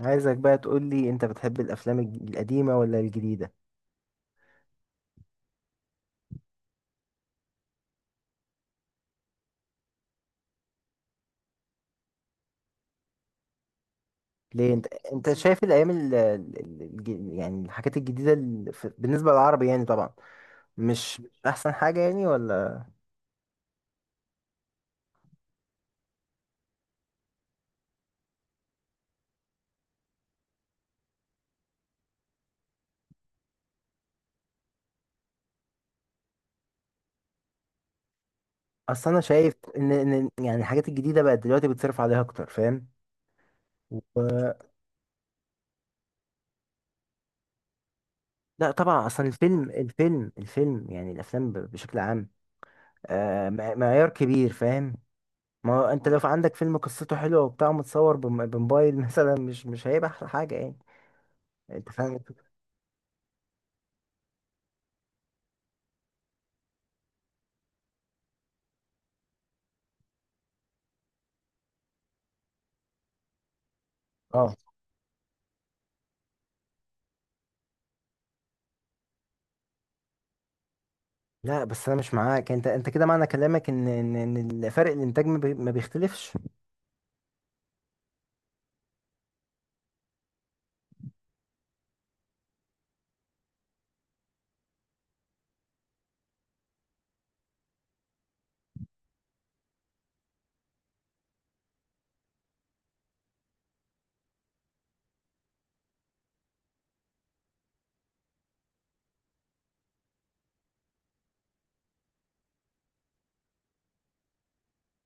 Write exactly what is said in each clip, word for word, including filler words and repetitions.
عايزك بقى تقول لي انت بتحب الافلام الج- القديمه ولا الجديده. ليه انت انت بص شايف الايام ال... ال- الج- يعني الحاجات الجديده ال... في- بالنسبه للعربي يعني طبعا مش مش احسن حاجه يعني ولا. اصل انا شايف ان ان يعني الحاجات الجديده بقت دلوقتي بتصرف عليها اكتر، فاهم؟ و... لا طبعا اصلا الفيلم الفيلم الفيلم يعني الافلام ب- بشكل عام، آه، مع- معيار كبير فاهم. ما هو انت لو في عندك فيلم قصته حلوه وبتاع، متصور بم- بموبايل مثلا، مش مش هيبقى احلى حاجه يعني. انت فاهم. اه، لا بس انا مش معاك، انت انت كده معنى كلامك ان ان ان فرق الانتاج ما بي- ما بيختلفش.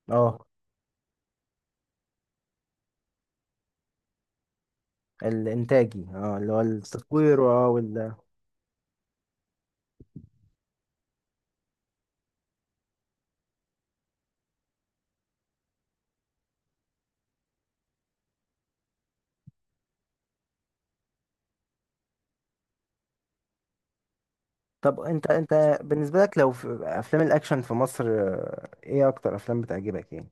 اه الانتاجي، اه اللي هو التصوير، اه وال. طب انت انت بالنسبه لك، لو في افلام الاكشن في مصر، آه، ايه اكتر افلام بتعجبك يعني؟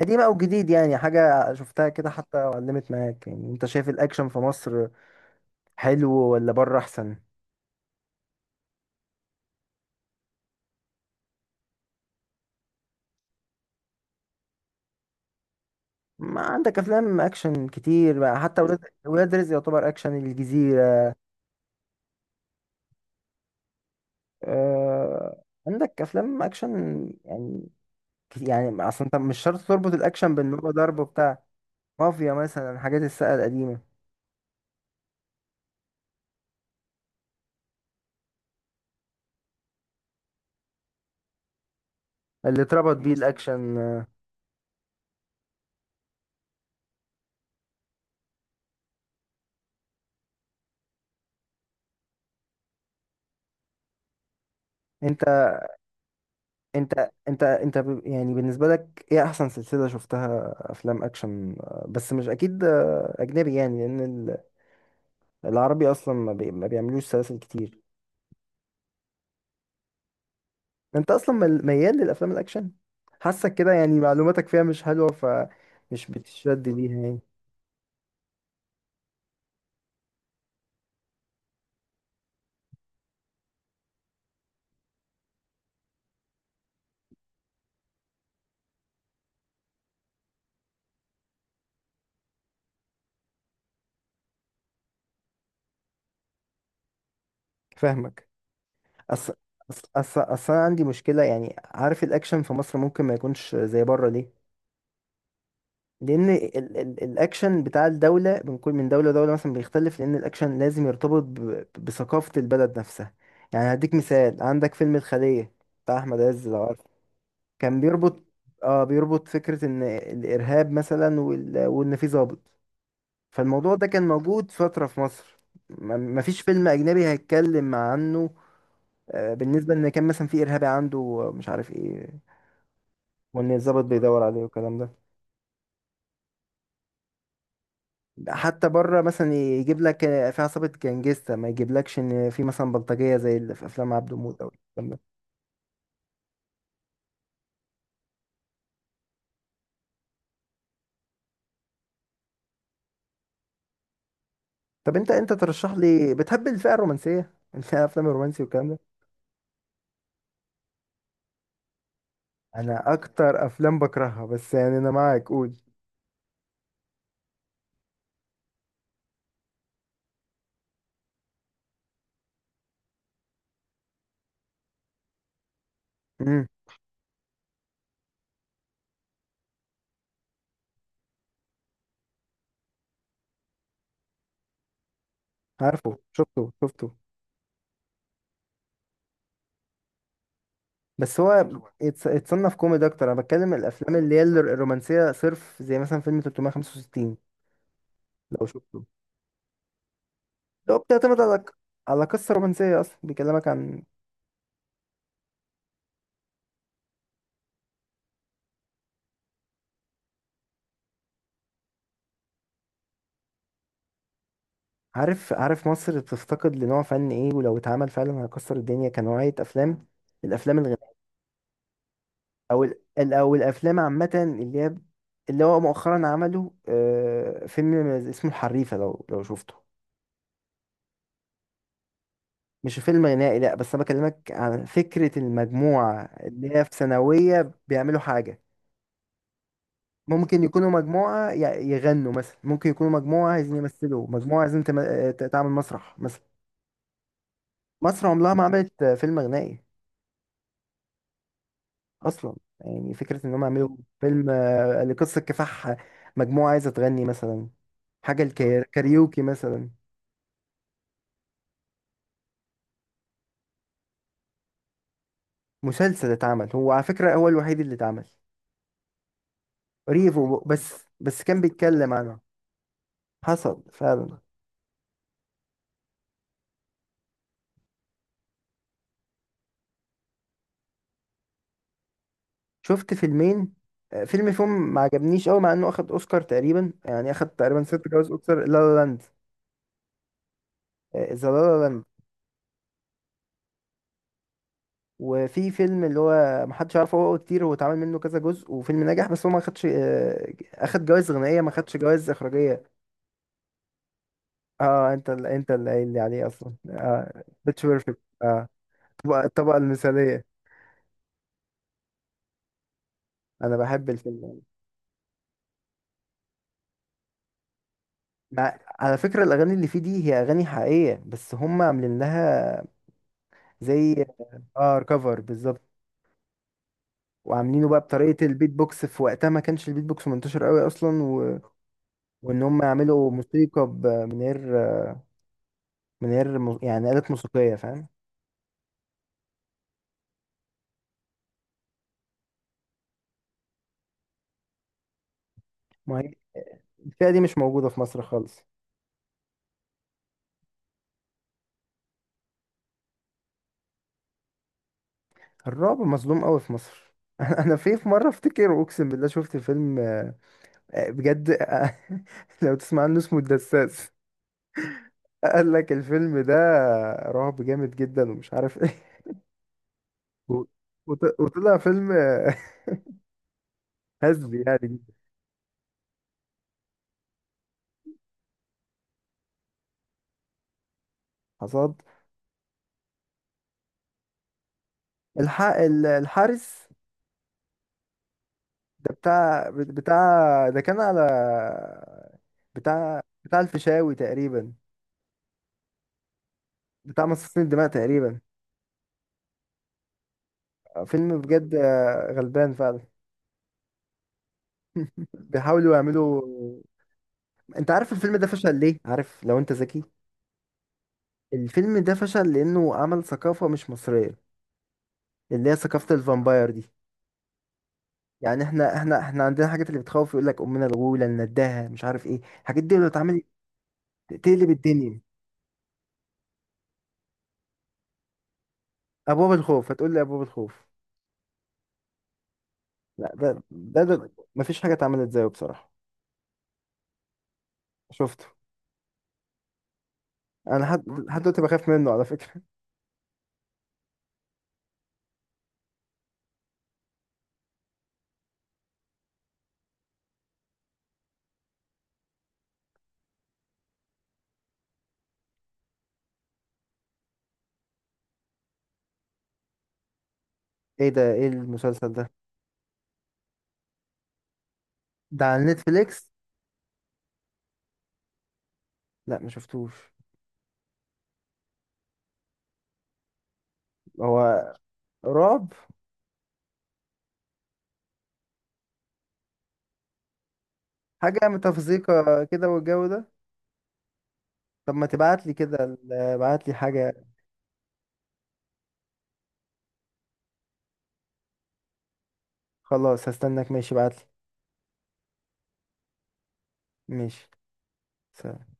قديمه او جديد؟ يعني حاجه شفتها كده حتى علمت معاك. يعني انت شايف الاكشن في مصر حلو ولا بره احسن؟ ما عندك افلام اكشن كتير بقى، حتى ولاد ولاد رزق يعتبر اكشن، الجزيره. آه، عندك افلام اكشن يعني. يعني اصل انت مش شرط تربط الاكشن بان هو ضرب بتاع مافيا مثلا، حاجات الساقه القديمه، اللي اتربط بيه الاكشن. آه، انت انت انت انت ب- يعني بالنسبه لك ايه احسن سلسله شفتها افلام اكشن؟ آه، بس مش اكيد، آه، اجنبي يعني، لان ال- العربي اصلا ما, بي ما بيعملوش سلاسل كتير. انت اصلا مل- ميال للافلام الاكشن، حاسك كده يعني معلوماتك فيها مش حلوه فمش بتشد ليها يعني. فاهمك. أصل أصل أصل أصل أنا عندي مشكلة، يعني عارف الأكشن في مصر ممكن ما يكونش زي بره ليه؟ لأن ال ال الأكشن بتاع الدولة، من كل من دولة لدولة مثلا بيختلف، لأن الأكشن لازم يرتبط ب- بثقافة البلد نفسها. يعني هديك مثال، عندك فيلم الخلية بتاع أحمد عز لو عارف، كان بيربط، آه بيربط فكرة إن الإرهاب مثلا، وال- وإن في ضابط. فالموضوع ده كان موجود فترة في مصر، ما- مفيش فيلم أجنبي هيتكلم عنه. آه، بالنسبة ان كان مثلا في ارهابي عنده مش عارف ايه، وان الضابط بيدور عليه والكلام ده. حتى بره مثلا يجيب لك، آه، في عصابة جانجستا، ما يجيبلكش ان في مثلا بلطجية زي اللي في افلام عبده موت او الكلام ده. طب انت انت ترشح لي، بتحب الفئة الرومانسية الافلام الرومانسي والكلام ده؟ انا اكتر افلام بكرهها، بس يعني انا معاك، قول. امم. عارفه، شفته شفته. بس هو يتص- يتصنف كوميدي اكتر. انا بتكلم الافلام اللي هي الر- الرومانسية صرف، زي مثلا فيلم ثلاثمية وخمسة وستين لو شفته، لو بتعتمد على على قصة رومانسية أصلا بيكلمك عن. عارف عارف مصر بتفتقد لنوع فن إيه، ولو اتعمل فعلا هيكسر الدنيا كنوعية أفلام؟ الأفلام الغنائية. أو ال... ال- أو الأفلام عامة اللي هي، اللي هو مؤخرا عمله، آه، فيلم اسمه الحريفة لو لو شفته. مش فيلم غنائي لأ، بس أنا بكلمك عن فكرة المجموعة اللي هي في ثانوية بيعملوا حاجة. ممكن يكونوا مجموعة ي- يغنوا مثلا، ممكن يكونوا مجموعة عايزين يمثلوا، مجموعة عايزين تم- ت- تعمل مسرح مثلا. مصر عمرها ما عملت فيلم غنائي اصلا. يعني فكره انهم يعملوا فيلم، آه، لقصه كفاح، مجموعه عايزه تغني مثلا، حاجه الكاريوكي مثلا. مسلسل اتعمل هو على فكره، هو الوحيد اللي اتعمل، ريفو، بس بس كان بيتكلم عنه. حصل فعلا. شفت فيلمين. آه، فيلم فيهم ما عجبنيش قوي مع انه اخد اوسكار، تقريبا يعني اخد تقريبا ست جوائز اوسكار، لا لا لاند، ذا لا لا لاند. وفي فيلم اللي هو محدش عارفه، هو كتير هو اتعمل منه كذا جزء، وفيلم نجح، بس هو ما خدش، آه، اخد جوائز غنائية ما خدش جوائز إخراجية. اه انت ال- انت اللي قايل لي عليه اصلا، اه، بيتش بيرفكت، اه. الطبقة الطبقة المثالية. انا بحب الفيلم. مع... على فكرة الاغاني اللي فيه دي هي اغاني حقيقية، بس هم عاملين لها زي، اه، كفر بالظبط. وعاملينه بقى بطريقة البيت بوكس. في وقتها ما كانش البيت بوكس منتشر قوي اصلا و... وان هم يعملوا موسيقى ب... من غير، من غير مو- يعني آلات موسيقية، فاهم. ما هي الفئة دي مش موجودة في مصر خالص. الرعب مظلوم قوي في مصر انا في في مرة افتكر اقسم بالله شفت فيلم، آه، آه، بجد، آه، لو تسمع عنه، اسمه الدساس. قال لك الفيلم ده رعب جامد جدا ومش عارف ايه، و- وط- وطلع فيلم، آه، هزلي يعني جدا. حصاد، الح... ال- الحارس. ده بتاع بتاع، ده كان على، بتاع بتاع الفيشاوي تقريبا، بتاع مصاصين الدماء تقريبا. فيلم بجد، آه، غلبان فعلا. بيحاولوا يعملوا. انت عارف الفيلم ده فشل ليه؟ عارف لو انت ذكي؟ الفيلم ده فشل لانه عمل ثقافة مش مصرية، اللي هي ثقافة الفامباير دي. يعني احنا احنا احنا عندنا حاجات اللي بتخوف، يقول لك امنا الغولة، النداهة، مش عارف ايه. الحاجات دي لو اتعملت تقلب الدنيا. ابواب الخوف، هتقول لي ابواب الخوف. لا ده ده, ده مفيش حاجة اتعملت زيه بصراحة. شفته. انا لحد لحد دلوقتي بخاف منه على فكرة. ايه ده، ايه المسلسل ده؟ ده على نتفليكس؟ لا ما شفتوش. هو رعب؟ حاجة متفزيقة كده والجو ده؟ طب ما تبعت لي كده، ال- ابعت لي حاجة. خلاص هستناك، ماشي، ابعت لي. ماشي، سلام.